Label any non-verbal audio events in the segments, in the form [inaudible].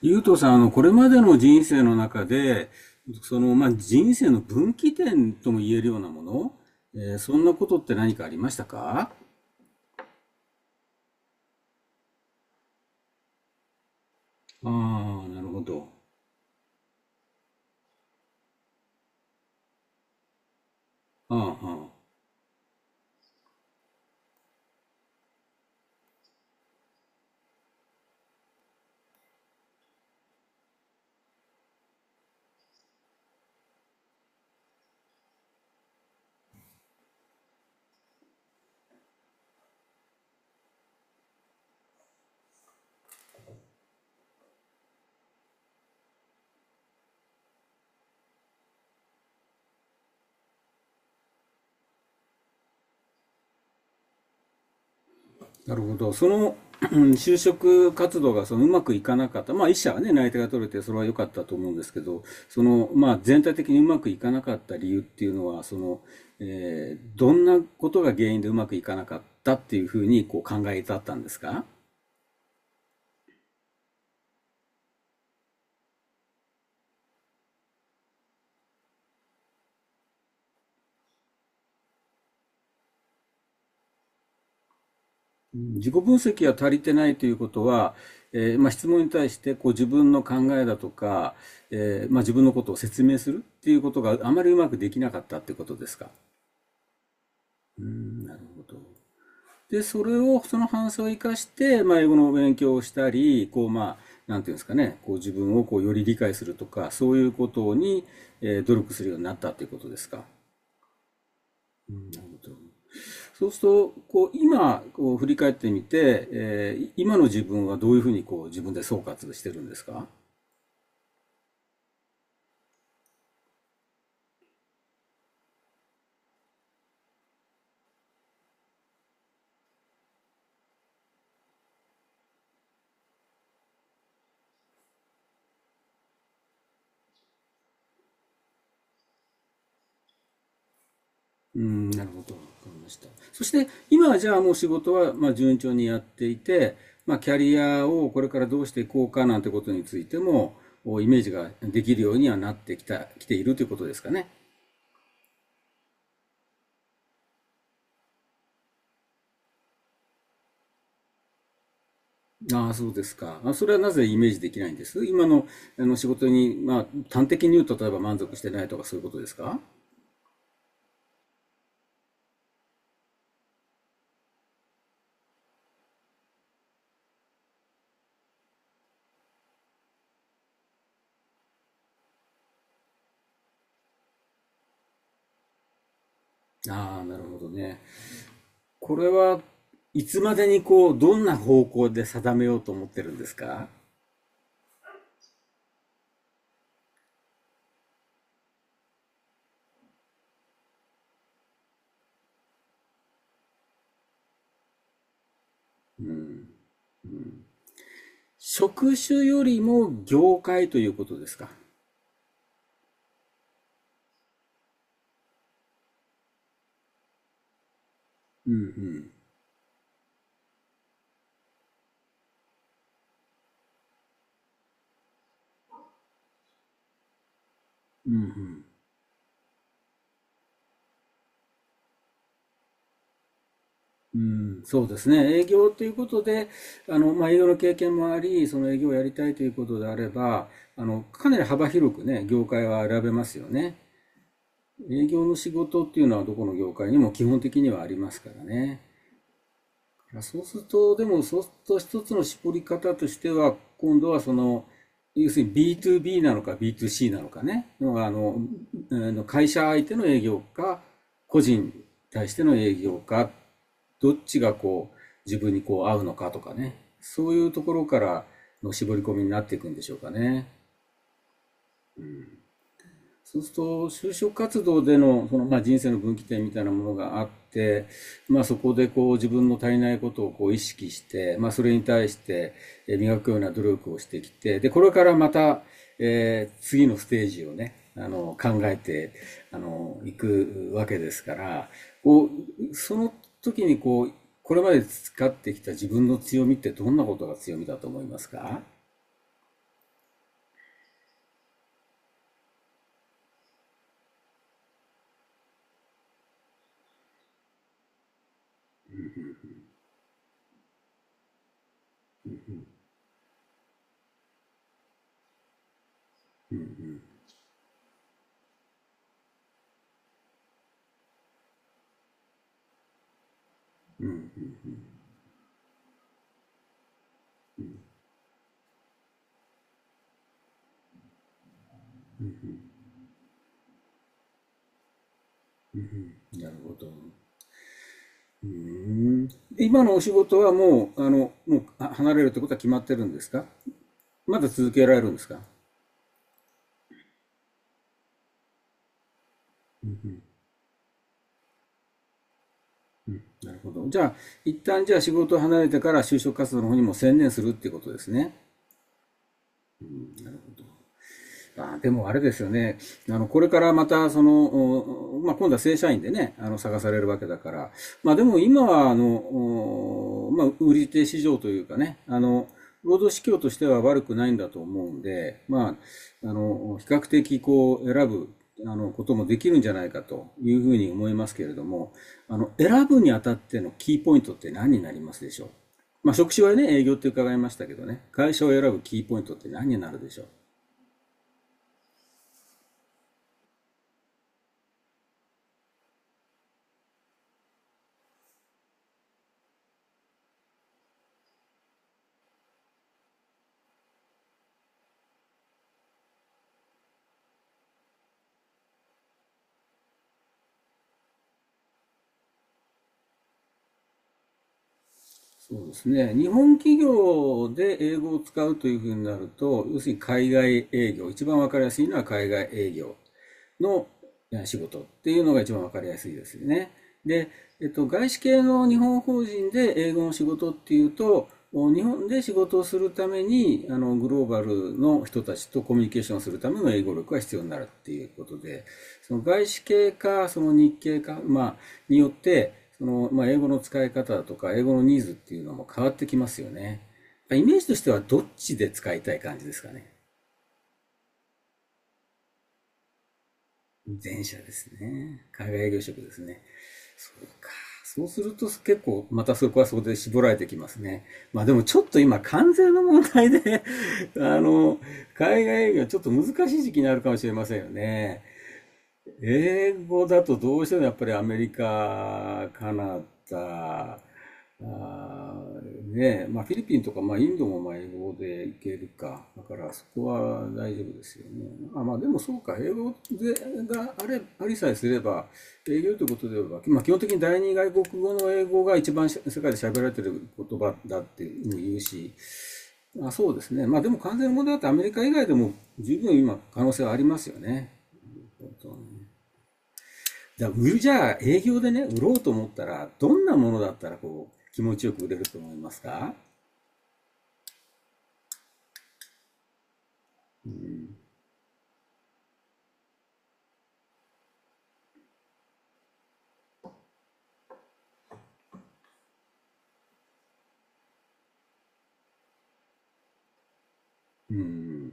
ゆうとさん、これまでの人生の中で、まあ、人生の分岐点とも言えるようなもの、そんなことって何かありましたか？ああ、なるほど。ああ、ああ、なるほど。うん、就職活動がうまくいかなかった。まあ、一社はね、内定が取れて、それは良かったと思うんですけど、まあ、全体的にうまくいかなかった理由っていうのは、どんなことが原因でうまくいかなかったっていうふうに、考えたったんですか？自己分析が足りてないということは、まあ、質問に対して自分の考えだとか、まあ、自分のことを説明するっていうことがあまりうまくできなかったってことですか？うーん、なるほど。で、その反省を生かして、まあ、英語の勉強をしたり、まあ、なんていうんですかね、自分をより理解するとか、そういうことに、努力するようになったということですか？うん、なるほど。そうすると、今、振り返ってみて、今の自分はどういうふうに、自分で総括してるんですか？うん、なるほど。わかりました。そして、今はじゃあもう仕事は、まあ、順調にやっていて、まあ、キャリアをこれからどうしていこうかなんてことについても、イメージができるようにはなってきた、きているということですかね？ああ、そうですか。それはなぜイメージできないんです今の、仕事に、まあ、端的に言うと、例えば満足してないとかそういうことですか？ああ、なるほどね。これはいつまでにどんな方向で定めようと思ってるんですか？職種よりも業界ということですか？うんうん。うんうん。うん、そうですね。営業ということで、まあ、営業の経験もあり、その営業をやりたいということであれば、かなり幅広くね、業界は選べますよね。営業の仕事っていうのはどこの業界にも基本的にはありますからね。まあそうすると、でもそうすると、一つの絞り方としては、今度は要するに B2B なのか B2C なのかね、のがあの、あの会社相手の営業か、個人に対しての営業か、どっちが自分に合うのかとかね、そういうところからの絞り込みになっていくんでしょうかね？そうすると、就職活動での、まあ、人生の分岐点みたいなものがあって、まあ、そこで自分の足りないことを意識して、まあ、それに対して磨くような努力をしてきて、で、これからまた、次のステージをね、考えて、いくわけですから、こう、その時にこれまで培ってきた自分の強みってどんなことが強みだと思いますか？うん。なるほど。うん、今のお仕事はもう、離れるってことは決まってるんですか？まだ続けられるんですか？なるほど。じゃあ、一旦じゃあ仕事を離れてから就職活動の方にも専念するっていうことですね。まあ、でもあれですよね。これからまた、まあ、今度は正社員でね、探されるわけだから。まあ、でも今は、まあ、売り手市場というかね、労働市況としては悪くないんだと思うんで、まあ、比較的選ぶ、あの、こともできるんじゃないかというふうに思いますけれども、選ぶにあたってのキーポイントって何になりますでしょう？まあ、職種はね、営業って伺いましたけどね、会社を選ぶキーポイントって何になるでしょう？そうですね。日本企業で英語を使うというふうになると、要するに海外営業、一番わかりやすいのは海外営業の仕事っていうのが一番分かりやすいですよね。で、外資系の日本法人で英語の仕事っていうと、日本で仕事をするためにグローバルの人たちとコミュニケーションするための英語力が必要になるっていうことで、外資系か日系か、まあ、によってまあ、英語の使い方とか英語のニーズっていうのも変わってきますよね？イメージとしてはどっちで使いたい感じですかね？前者ですね。海外営業職ですね。そうか。そうすると結構またそこはそこで絞られてきますね。まあでもちょっと今関税の問題で [laughs] あの、海外営業はちょっと難しい時期になるかもしれませんよね。英語だとどうしてもやっぱりアメリカ、カナダ、ねえ、まあフィリピンとか、まあインドもまあ英語でいけるか。だからそこは大丈夫ですよね。まあまあでもそうか。英語でありさえすれば、英語ということでは、まあ基本的に第二外国語の英語が一番世界で喋られてる言葉だっていうふうに言うし、まあ、そうですね。まあでも完全な問題だってアメリカ以外でも十分今可能性はありますよね。じゃあ、営業でね、売ろうと思ったら、どんなものだったら、気持ちよく売れると思いますか？うん。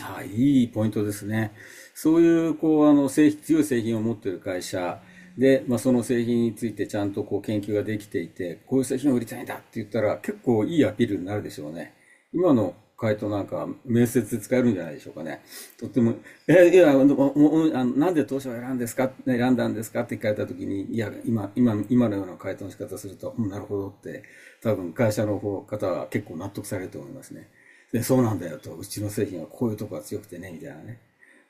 はい、いいポイントですね。そういう、こう、あの、製品、強い製品を持っている会社で、まあ、その製品についてちゃんと研究ができていて、こういう製品を売りたいんだって言ったら、結構いいアピールになるでしょうね。今の回答なんか、面接で使えるんじゃないでしょうかね。とっても、いや、あのおおあのなんで当社を選んだんですかって聞かれたときに、いや、今のような回答の仕方をすると、うん、なるほどって、多分会社の方は結構納得されると思いますね。で、そうなんだよと、うちの製品はこういうとこが強くてね、みたいなね、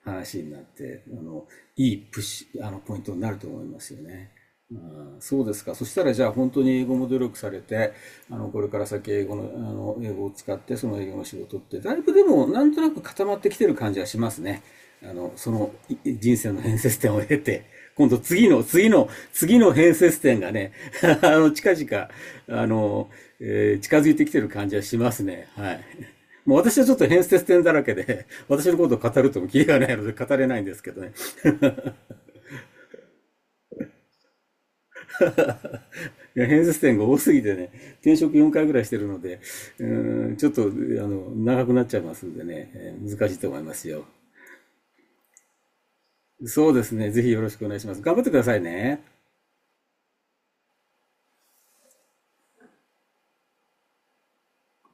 話になって、いいプッシュ、あの、ポイントになると思いますよね。うん、そうですか。そしたら、じゃあ本当に英語も努力されて、これから先英語の、あの、英語を使って、その英語の仕事って、だいぶでも、なんとなく固まってきてる感じはしますね。あの、そのい人生の変節点を経て、今度次の変節点がね、[laughs] 近々、あの、近づいてきてる感じはしますね。はい。もう私はちょっと変節点だらけで、[laughs] 私のことを語るともキリがないので語れないんですけどね。いや、変節点が多すぎてね、転職4回ぐらいしてるので、うん、ちょっと、長くなっちゃいますんでね。難しいと思いますよ。そうですね。ぜひよろしくお願いします。頑張ってくださいね。